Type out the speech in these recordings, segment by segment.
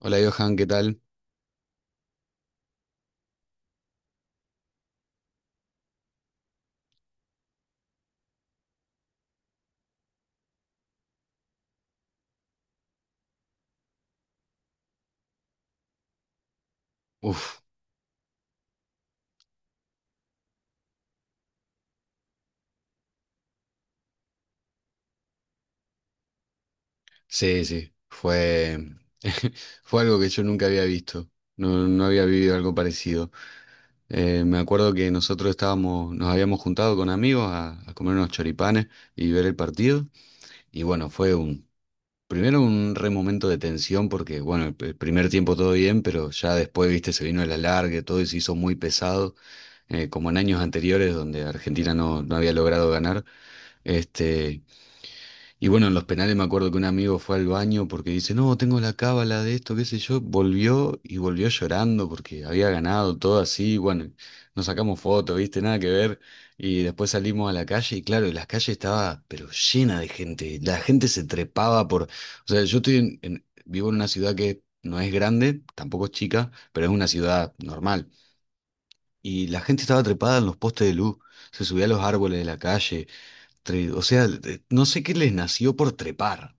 Hola Johan, ¿qué tal? Uf, sí, sí, fue, fue algo que yo nunca había visto, no, no había vivido algo parecido. Me acuerdo que nosotros estábamos, nos habíamos juntado con amigos a comer unos choripanes y ver el partido, y bueno, primero un re momento de tensión porque, bueno, el primer tiempo todo bien, pero ya después, viste, se vino el alargue, todo y se hizo muy pesado, como en años anteriores donde Argentina no había logrado ganar, este... Y bueno, en los penales me acuerdo que un amigo fue al baño porque dice, no, tengo la cábala de esto, qué sé yo. Volvió y volvió llorando porque había ganado todo así. Bueno, nos sacamos fotos, viste, nada que ver. Y después salimos a la calle y claro, la calle estaba pero llena de gente. La gente se trepaba por... O sea, yo estoy vivo en una ciudad que no es grande, tampoco es chica, pero es una ciudad normal. Y la gente estaba trepada en los postes de luz, se subía a los árboles de la calle. O sea, no sé qué les nació por trepar.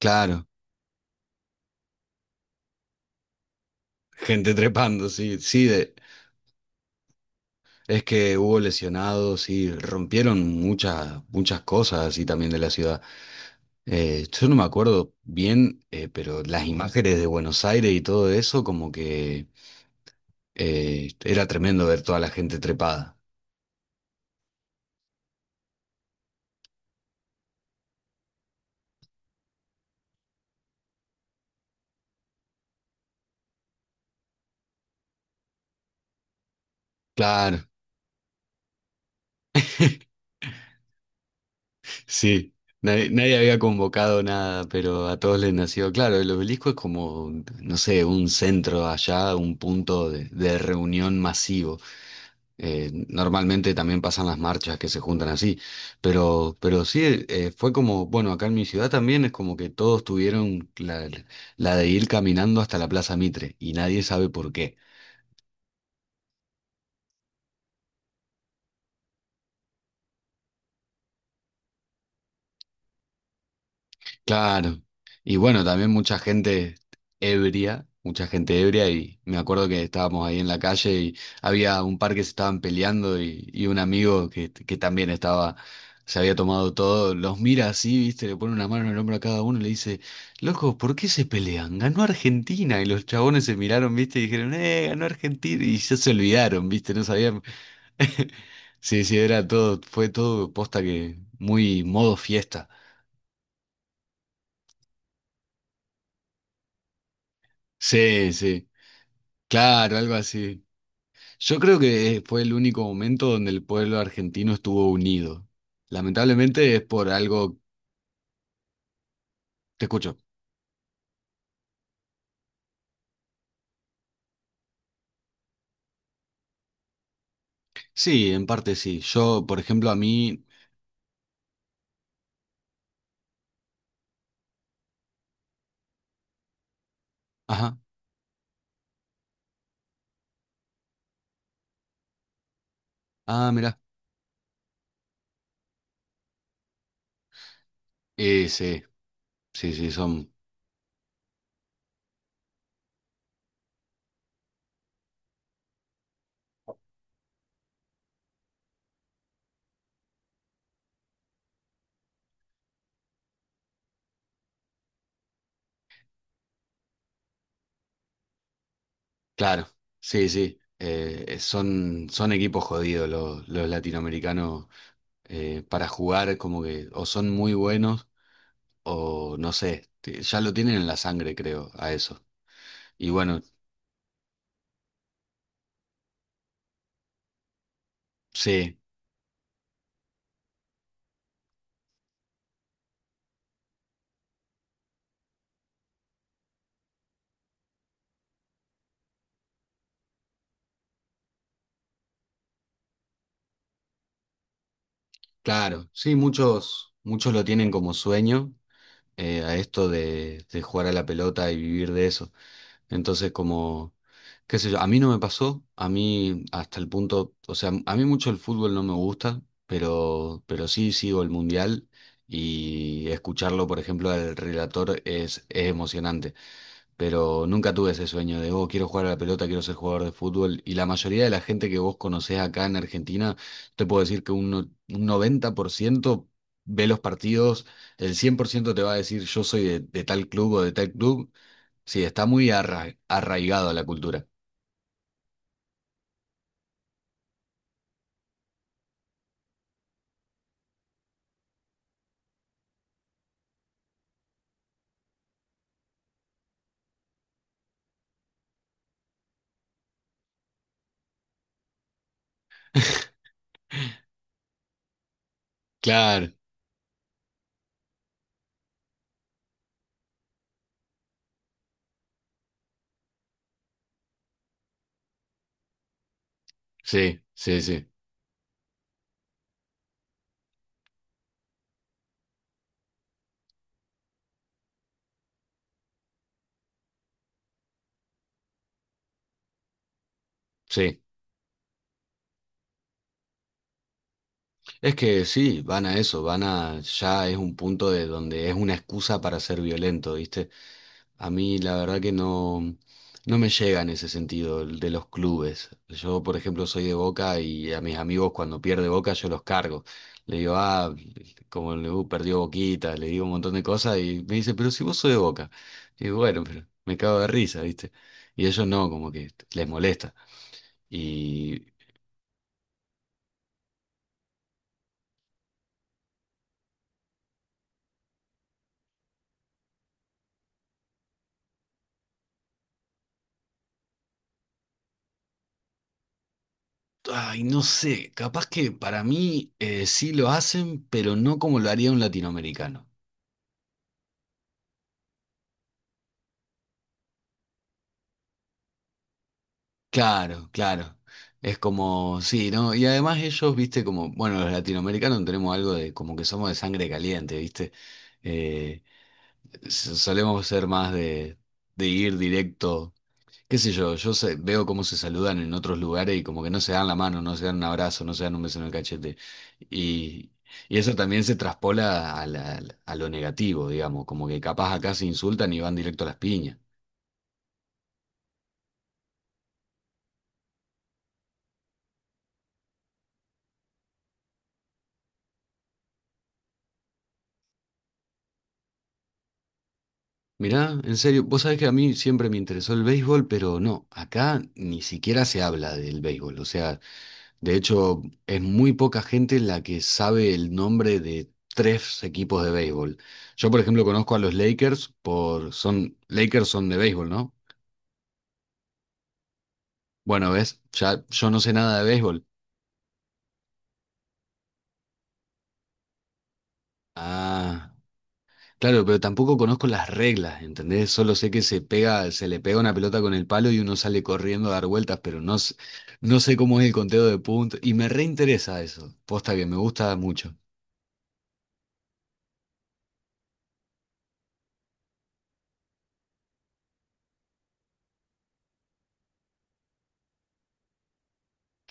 Claro, gente trepando, sí, sí, es que hubo lesionados, sí, rompieron muchas, muchas cosas así también de la ciudad. Yo no me acuerdo bien, pero las imágenes de Buenos Aires y todo eso, como que era tremendo ver toda la gente trepada. Claro, sí, nadie, nadie había convocado nada, pero a todos les nació. Claro, el obelisco es como, no sé, un centro allá, un punto de reunión masivo. Normalmente también pasan las marchas que se juntan así, pero sí, fue como, bueno, acá en mi ciudad también es como que todos tuvieron la de ir caminando hasta la Plaza Mitre y nadie sabe por qué. Claro. Y bueno, también mucha gente ebria, y me acuerdo que estábamos ahí en la calle y había un par que se estaban peleando y un amigo que también estaba, se había tomado todo, los mira así, viste, le pone una mano en el hombro a cada uno y le dice, loco, ¿por qué se pelean? Ganó Argentina y los chabones se miraron, viste, y dijeron, ganó Argentina y ya se olvidaron, viste, no sabían. Sí, sí, era todo, fue todo posta que muy modo fiesta. Sí, sí. Claro, algo así. Yo creo que fue el único momento donde el pueblo argentino estuvo unido. Lamentablemente es por algo... Te escucho. Sí, en parte sí. Yo, por ejemplo, a mí... Ajá. Ah, mirá. Sí, sí, sí, son... Claro, sí, sí. Son equipos jodidos los latinoamericanos para jugar como que o son muy buenos o no sé, ya lo tienen en la sangre, creo, a eso. Y bueno, sí. Claro, sí, muchos, muchos lo tienen como sueño a esto de, jugar a la pelota y vivir de eso. Entonces, como, qué sé yo, a mí no me pasó, a mí hasta el punto, o sea, a mí mucho el fútbol no me gusta, pero sí sigo el mundial y escucharlo, por ejemplo, al relator es, emocionante pero nunca tuve ese sueño de, oh, quiero jugar a la pelota, quiero ser jugador de fútbol. Y la mayoría de la gente que vos conocés acá en Argentina, te puedo decir que un, no- un 90% ve los partidos, el 100% te va a decir, yo soy de, tal club o de tal club. Sí, está muy arraigado a la cultura. Claro, sí, sí, sí, sí. Es que sí, van a eso, van a, ya es un punto de donde es una excusa para ser violento, ¿viste? A mí la verdad que no me llega en ese sentido el de los clubes. Yo, por ejemplo, soy de Boca y a mis amigos cuando pierde Boca yo los cargo. Le digo, ah, como le perdió Boquita, le digo un montón de cosas y me dice, pero si vos sos de Boca. Y digo, bueno, pero me cago de risa, ¿viste? Y ellos no, como que les molesta. Y, Ay, no sé, capaz que para mí sí lo hacen, pero no como lo haría un latinoamericano. Claro, claro. Es como, sí, ¿no? Y además ellos, viste, como, bueno, los latinoamericanos tenemos algo de, como que somos de sangre caliente, viste. Eh, solemos ser más de ir directo, qué sé yo, veo cómo se saludan en otros lugares y como que no se dan la mano, no se dan un abrazo, no se dan un beso en el cachete. Y, y eso también se traspola a a lo negativo, digamos, como que capaz acá se insultan y van directo a las piñas. Mirá, en serio, vos sabés que a mí siempre me interesó el béisbol, pero no, acá ni siquiera se habla del béisbol. O sea, de hecho, es muy poca gente la que sabe el nombre de tres equipos de béisbol. Yo, por ejemplo, conozco a los Lakers por, son, Lakers son de béisbol, ¿no? Bueno, ves, ya yo no sé nada de béisbol. Ah, claro, pero tampoco conozco las reglas, ¿entendés? Solo sé que se pega, se le pega una pelota con el palo y uno sale corriendo a dar vueltas, pero no, no sé cómo es el conteo de puntos. Y me reinteresa eso. Posta que me gusta mucho.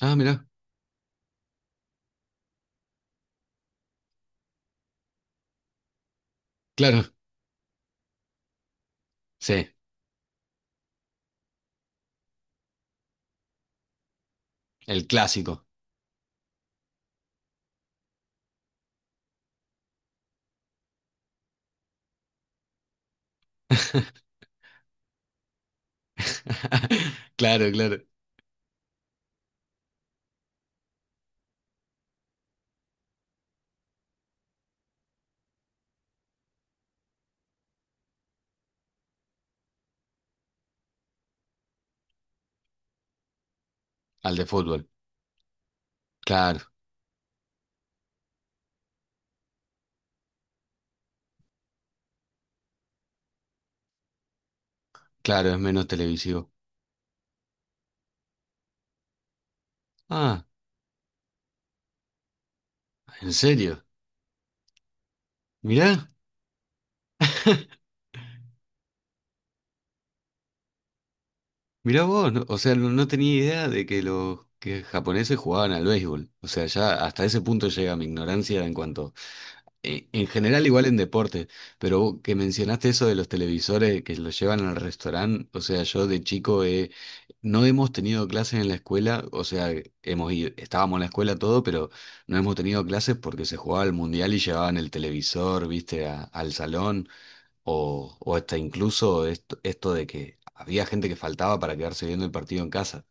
Ah, mirá, claro, sí, el clásico. Claro, claro. Al de fútbol. Claro, claro, es menos televisivo. Ah, ¿en serio? Mirá, mirá vos. O sea, no tenía idea de que los que japoneses jugaban al béisbol. O sea, ya hasta ese punto llega mi ignorancia en cuanto. En general, igual en deporte, pero vos que mencionaste eso de los televisores que los llevan al restaurante, o sea, yo de chico no hemos tenido clases en la escuela, o sea, estábamos en la escuela todo, pero no hemos tenido clases porque se jugaba el mundial y llevaban el televisor, viste, al salón, o hasta incluso esto de que había gente que faltaba para quedarse viendo el partido en casa.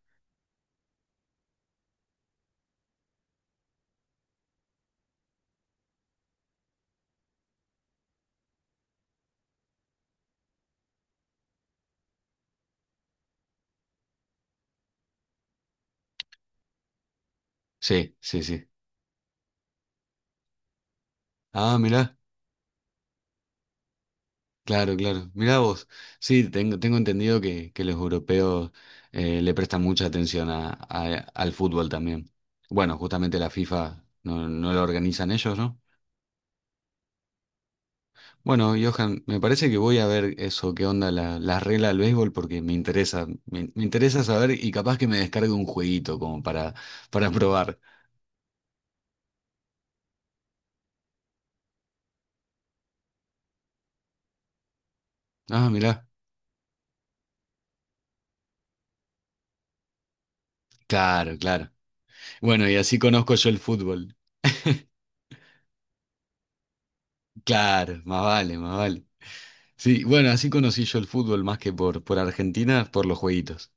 Sí, sí, sí. Ah, mirá. Claro, claro. Mirá vos. Sí, tengo entendido que, los europeos le prestan mucha atención a, al fútbol también. Bueno, justamente la FIFA no lo organizan ellos, ¿no? Bueno, Johan, me parece que voy a ver eso, qué onda la regla del béisbol, porque me interesa, me interesa saber y capaz que me descargue un jueguito como para, probar. Ah, mirá. Claro, claro. Bueno, y así conozco yo el fútbol. Claro, más vale, más vale. Sí, bueno, así conocí yo el fútbol más que por, Argentina, por los jueguitos.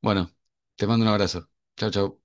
Bueno, te mando un abrazo. Chau, chau.